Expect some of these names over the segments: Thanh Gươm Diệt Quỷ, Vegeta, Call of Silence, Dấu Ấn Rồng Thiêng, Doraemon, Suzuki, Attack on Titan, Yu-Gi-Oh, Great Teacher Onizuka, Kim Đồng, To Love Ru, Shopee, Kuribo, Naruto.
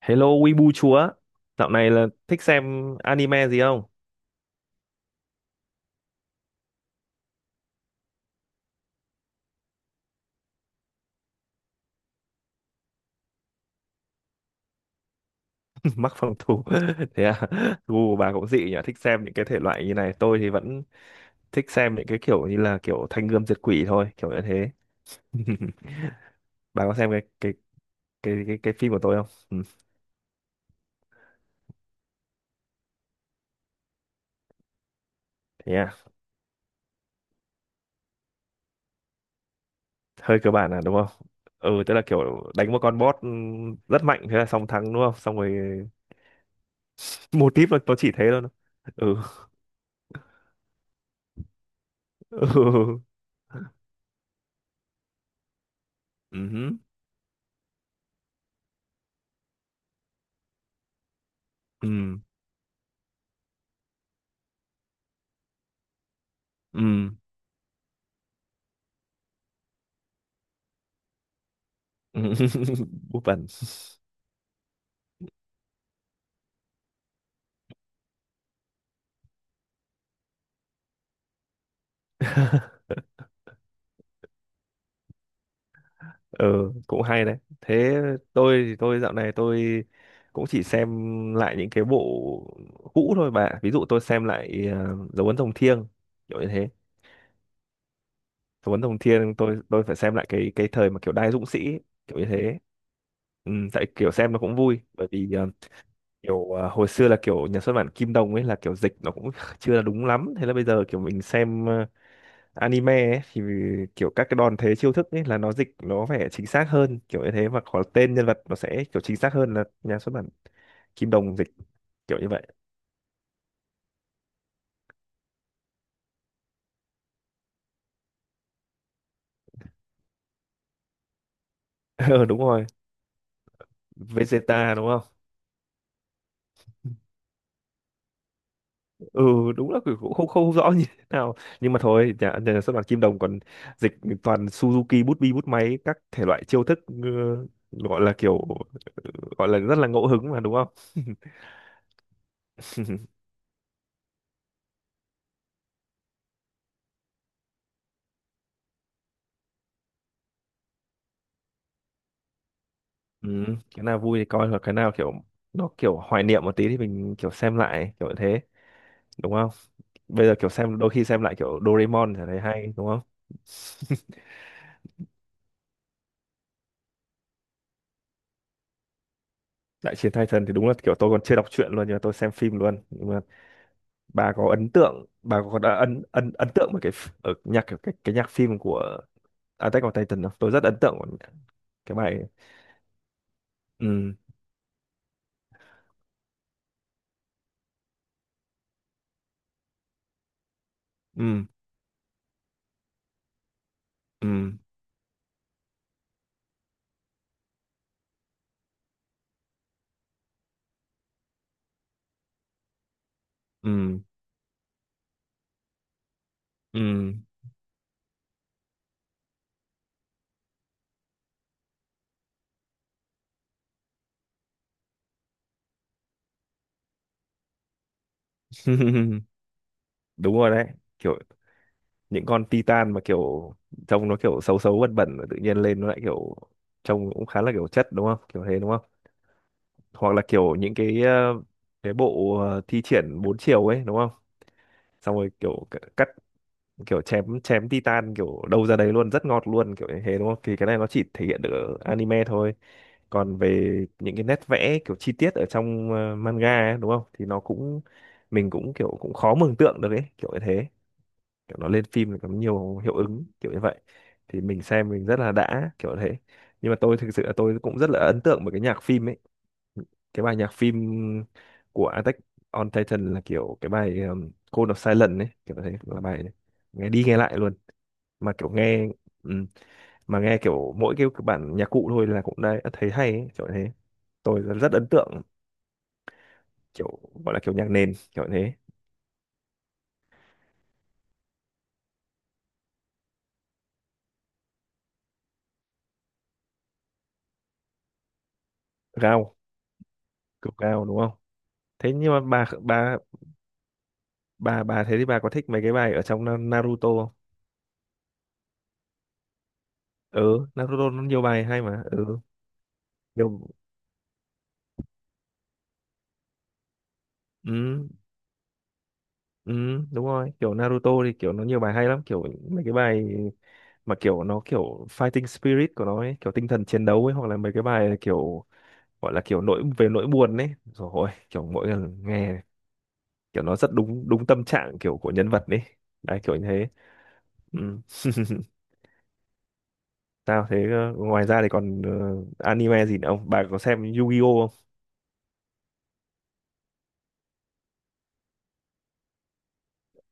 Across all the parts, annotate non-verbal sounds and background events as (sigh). Hello Weibo chúa, dạo này là thích xem anime gì không? (laughs) Mắc phòng thủ. (laughs) Thế à, gu của bà cũng dị nhỉ, thích xem những cái thể loại như này. Tôi thì vẫn thích xem những cái kiểu như là kiểu Thanh Gươm Diệt Quỷ thôi, kiểu như thế. (laughs) Bà có xem cái phim của tôi không? Ừ. Thế à, hơi cơ bản à đúng không? Ừ, tức là kiểu đánh một con boss rất mạnh thế là xong thắng đúng không? Xong rồi (laughs) mô típ nó chỉ thế thôi. Ừ. (laughs) Ừ. Ừ. Ừ. Ừ. (laughs) Ừ. Búp bẩn. Ừ, cũng hay đấy. Thế tôi thì tôi dạo này tôi cũng chỉ xem lại những cái bộ cũ thôi, bà. Ví dụ tôi xem lại dấu ấn rồng thiêng, kiểu như thế. Dấu ấn rồng thiêng tôi phải xem lại cái thời mà kiểu đai dũng sĩ, kiểu như thế. Ừ, tại kiểu xem nó cũng vui bởi vì hồi xưa là kiểu nhà xuất bản Kim Đồng ấy là kiểu dịch nó cũng (laughs) chưa là đúng lắm. Thế là bây giờ kiểu mình xem anime ấy, thì kiểu các cái đòn thế chiêu thức ấy là nó dịch nó phải chính xác hơn kiểu như thế, và có tên nhân vật nó sẽ kiểu chính xác hơn là nhà xuất bản Kim Đồng dịch, kiểu như vậy. (laughs) Ừ, đúng rồi. Vegeta đúng không? Ừ, đúng là cũng không không rõ như thế nào, nhưng mà thôi nhà xuất bản Kim Đồng còn dịch toàn Suzuki bút bi bút máy các thể loại chiêu thức. Ừ, gọi là kiểu gọi là rất là ngẫu hứng mà đúng không? (laughs) Ừ, cái nào vui thì coi, hoặc cái nào kiểu nó kiểu hoài niệm một tí thì mình kiểu xem lại, kiểu như thế, đúng không? Bây giờ kiểu xem đôi khi xem lại kiểu Doraemon thì thấy hay đúng không? (laughs) Đại chiến Titan thì đúng là kiểu tôi còn chưa đọc truyện luôn, nhưng mà tôi xem phim luôn. Nhưng mà bà có ấn tượng, bà có đã ấn ấn ấn tượng với cái ph- ở nhạc cái nhạc phim của Attack on Titan không? Tôi rất ấn tượng với cái bài ấy. Ừ. Ừ. Ừ. Ừ. Ừ. (laughs) Đúng rồi đấy, kiểu những con Titan mà kiểu trông nó kiểu xấu xấu bẩn bẩn, tự nhiên lên nó lại kiểu trông cũng khá là kiểu chất đúng không, kiểu thế đúng không? Hoặc là kiểu những cái bộ thi triển bốn chiều ấy đúng không? Xong rồi kiểu cắt, kiểu chém chém titan kiểu đâu ra đấy luôn, rất ngọt luôn, kiểu như thế đúng không? Thì cái này nó chỉ thể hiện được ở anime thôi. Còn về những cái nét vẽ kiểu chi tiết ở trong manga ấy, đúng không, thì nó cũng mình cũng kiểu cũng khó mường tượng được ấy, kiểu như thế. Kiểu nó lên phim thì có nhiều hiệu ứng kiểu như vậy thì mình xem mình rất là đã, kiểu thế. Nhưng mà tôi thực sự là tôi cũng rất là ấn tượng với cái nhạc phim ấy. Cái bài nhạc phim của Attack on Titan là kiểu cái bài Call of Silence ấy, kiểu thế, là bài đấy. Nghe đi nghe lại luôn, mà kiểu nghe ừm, mà nghe kiểu mỗi cái bản nhạc cụ thôi là cũng đã thấy hay ấy, kiểu thế. Tôi rất rất ấn tượng, kiểu gọi là kiểu nhạc nền kiểu thế. Gao, kiểu gao đúng không? Thế nhưng mà bà thế thì bà có thích mấy cái bài ở trong Naruto không? Ừ, Naruto nó nhiều bài hay mà. Ừ, nhiều. Ừ. Ừ, đúng rồi, kiểu Naruto thì kiểu nó nhiều bài hay lắm, kiểu mấy cái bài mà kiểu nó kiểu fighting spirit của nó ấy, kiểu tinh thần chiến đấu ấy, hoặc là mấy cái bài kiểu gọi là kiểu nỗi buồn ấy. Rồi ôi, kiểu mỗi lần nghe kiểu nó rất đúng đúng tâm trạng kiểu của nhân vật ấy. Đấy kiểu như thế. Ừ. (laughs) Sao thế, ngoài ra thì còn anime gì nữa không? Bà có xem Yu-Gi-Oh không?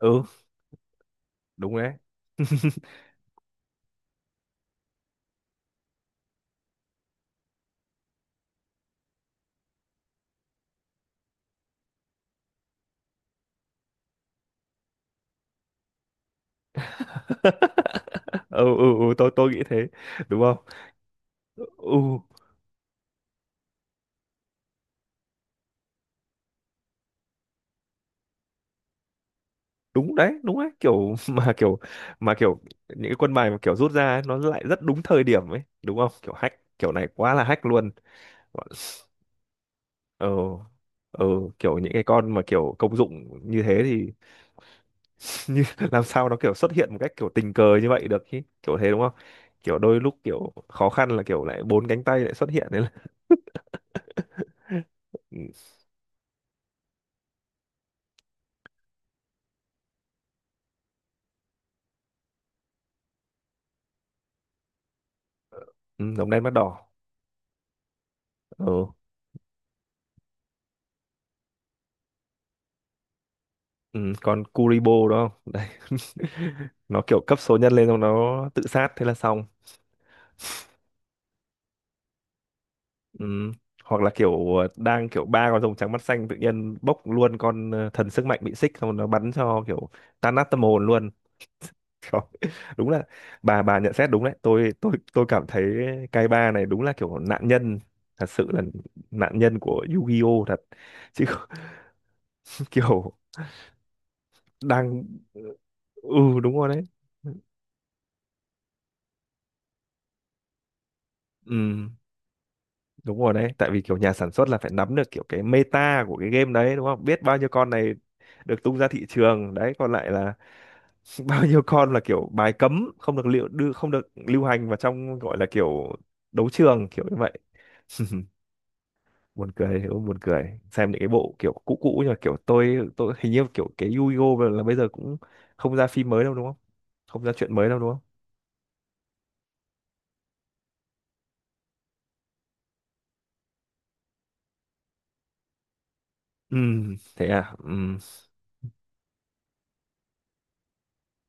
Ừ, đúng đấy. (laughs) Ừ, ừ, ừ, tôi nghĩ thế đúng không? Ừ, đúng đấy đúng đấy, kiểu (laughs) mà kiểu những cái quân bài mà kiểu rút ra ấy, nó lại rất đúng thời điểm ấy đúng không, kiểu hack kiểu này quá là hack luôn. Bọn- ờ ờ kiểu những cái con mà kiểu công dụng như thế thì (laughs) như làm sao nó kiểu xuất hiện một cách kiểu tình cờ như vậy được chứ, kiểu thế đúng không? Kiểu đôi lúc kiểu khó khăn là kiểu lại bốn cánh tay lại xuất hiện đấy là. Ừ, ừ, đồng đen mắt đỏ. Ờ, ừ, còn Kuribo đúng không đấy. (laughs) Nó kiểu cấp số nhân lên xong nó tự sát thế là xong. Ừ. Hoặc là kiểu đang kiểu ba con rồng trắng mắt xanh tự nhiên bốc luôn con thần sức mạnh bị xích xong rồi nó bắn cho kiểu tan nát tâm hồn luôn. (laughs) Trời, đúng là bà nhận xét đúng đấy. Tôi cảm thấy cái ba này đúng là kiểu nạn nhân, thật sự là nạn nhân của Yu-Gi-Oh thật chứ. (laughs) Kiểu đang. Ừ, đúng rồi đấy. Ừ, đúng rồi đấy, tại vì kiểu nhà sản xuất là phải nắm được kiểu cái meta của cái game đấy đúng không? Biết bao nhiêu con này được tung ra thị trường đấy, còn lại là (laughs) bao nhiêu con là kiểu bài cấm không được liệu đưa, không được lưu hành vào trong, gọi là kiểu đấu trường kiểu như vậy. (laughs) Buồn cười hiểu không? Buồn cười xem những cái bộ kiểu cũ cũ, nhưng mà kiểu tôi hình như kiểu cái Yu-Gi-Oh là bây giờ cũng không ra phim mới đâu đúng không? Không ra chuyện mới đâu đúng không? Ừ, thế à. Ừm,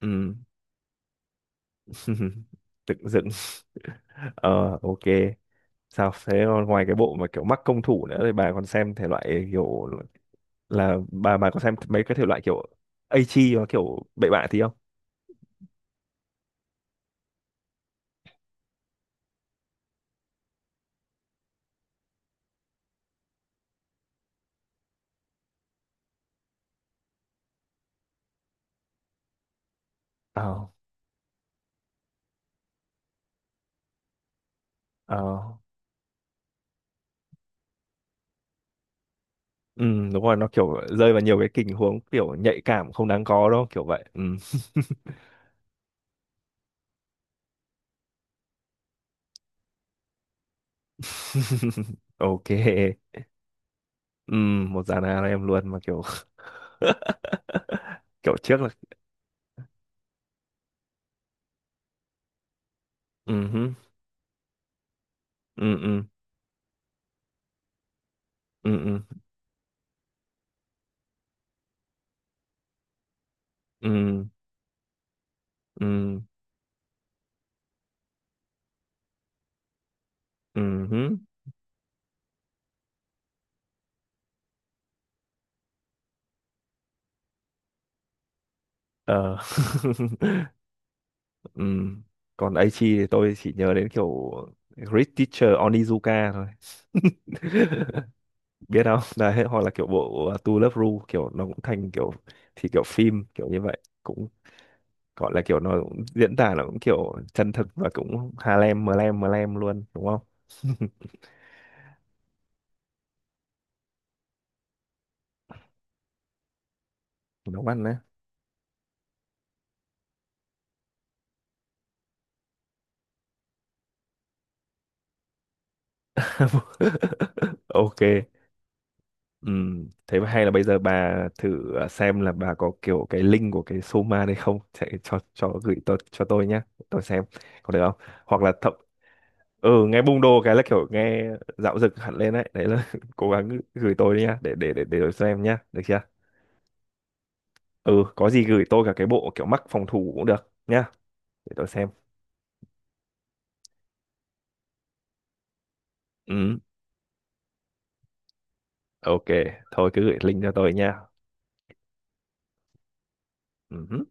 ừ, dựng (laughs) dựng. Ờ ok Sao thế, còn ngoài cái bộ mà kiểu mắc công thủ nữa thì bà còn xem thể loại kiểu là bà có xem mấy cái thể loại kiểu Aichi và kiểu bậy bạ tí không? Ờ, ờ. Ừ, đúng rồi, nó kiểu rơi vào nhiều cái tình huống kiểu nhạy cảm không đáng có đó, kiểu vậy. Ừ. (laughs) Ok. Ừ, một dàn hàng em luôn mà kiểu (laughs) kiểu trước là ừ hứ, ừ ừ ừ ừ ừ ừ ừ hứ, ờ. (laughs) Ừ. Còn Aichi thì tôi chỉ nhớ đến kiểu Great Teacher Onizuka thôi. (laughs) Biết không? Đấy, hoặc là kiểu bộ To Love Ru, kiểu nó cũng thành kiểu, thì kiểu phim kiểu như vậy cũng gọi là kiểu nó cũng diễn tả nó cũng kiểu chân thực và cũng Harlem Mlem Mlem luôn đúng không? (laughs) Nó ăn đấy. (laughs) Ok. Ừ, thế mà hay là bây giờ bà thử à, xem là bà có kiểu cái link của cái Soma đây không, sẽ cho gửi tôi, cho tôi nhá, tôi xem, có được không? Hoặc là ừ, nghe bung đô cái là kiểu nghe dạo dực hẳn lên đấy, đấy là (laughs) cố gắng gửi tôi đi nhá, để tôi xem nhá, được chưa? Ừ, có gì gửi tôi cả cái bộ kiểu mắc phòng thủ cũng được nhá, để tôi xem. Ừ, ok, thôi cứ gửi link cho tôi nhá. Ừ.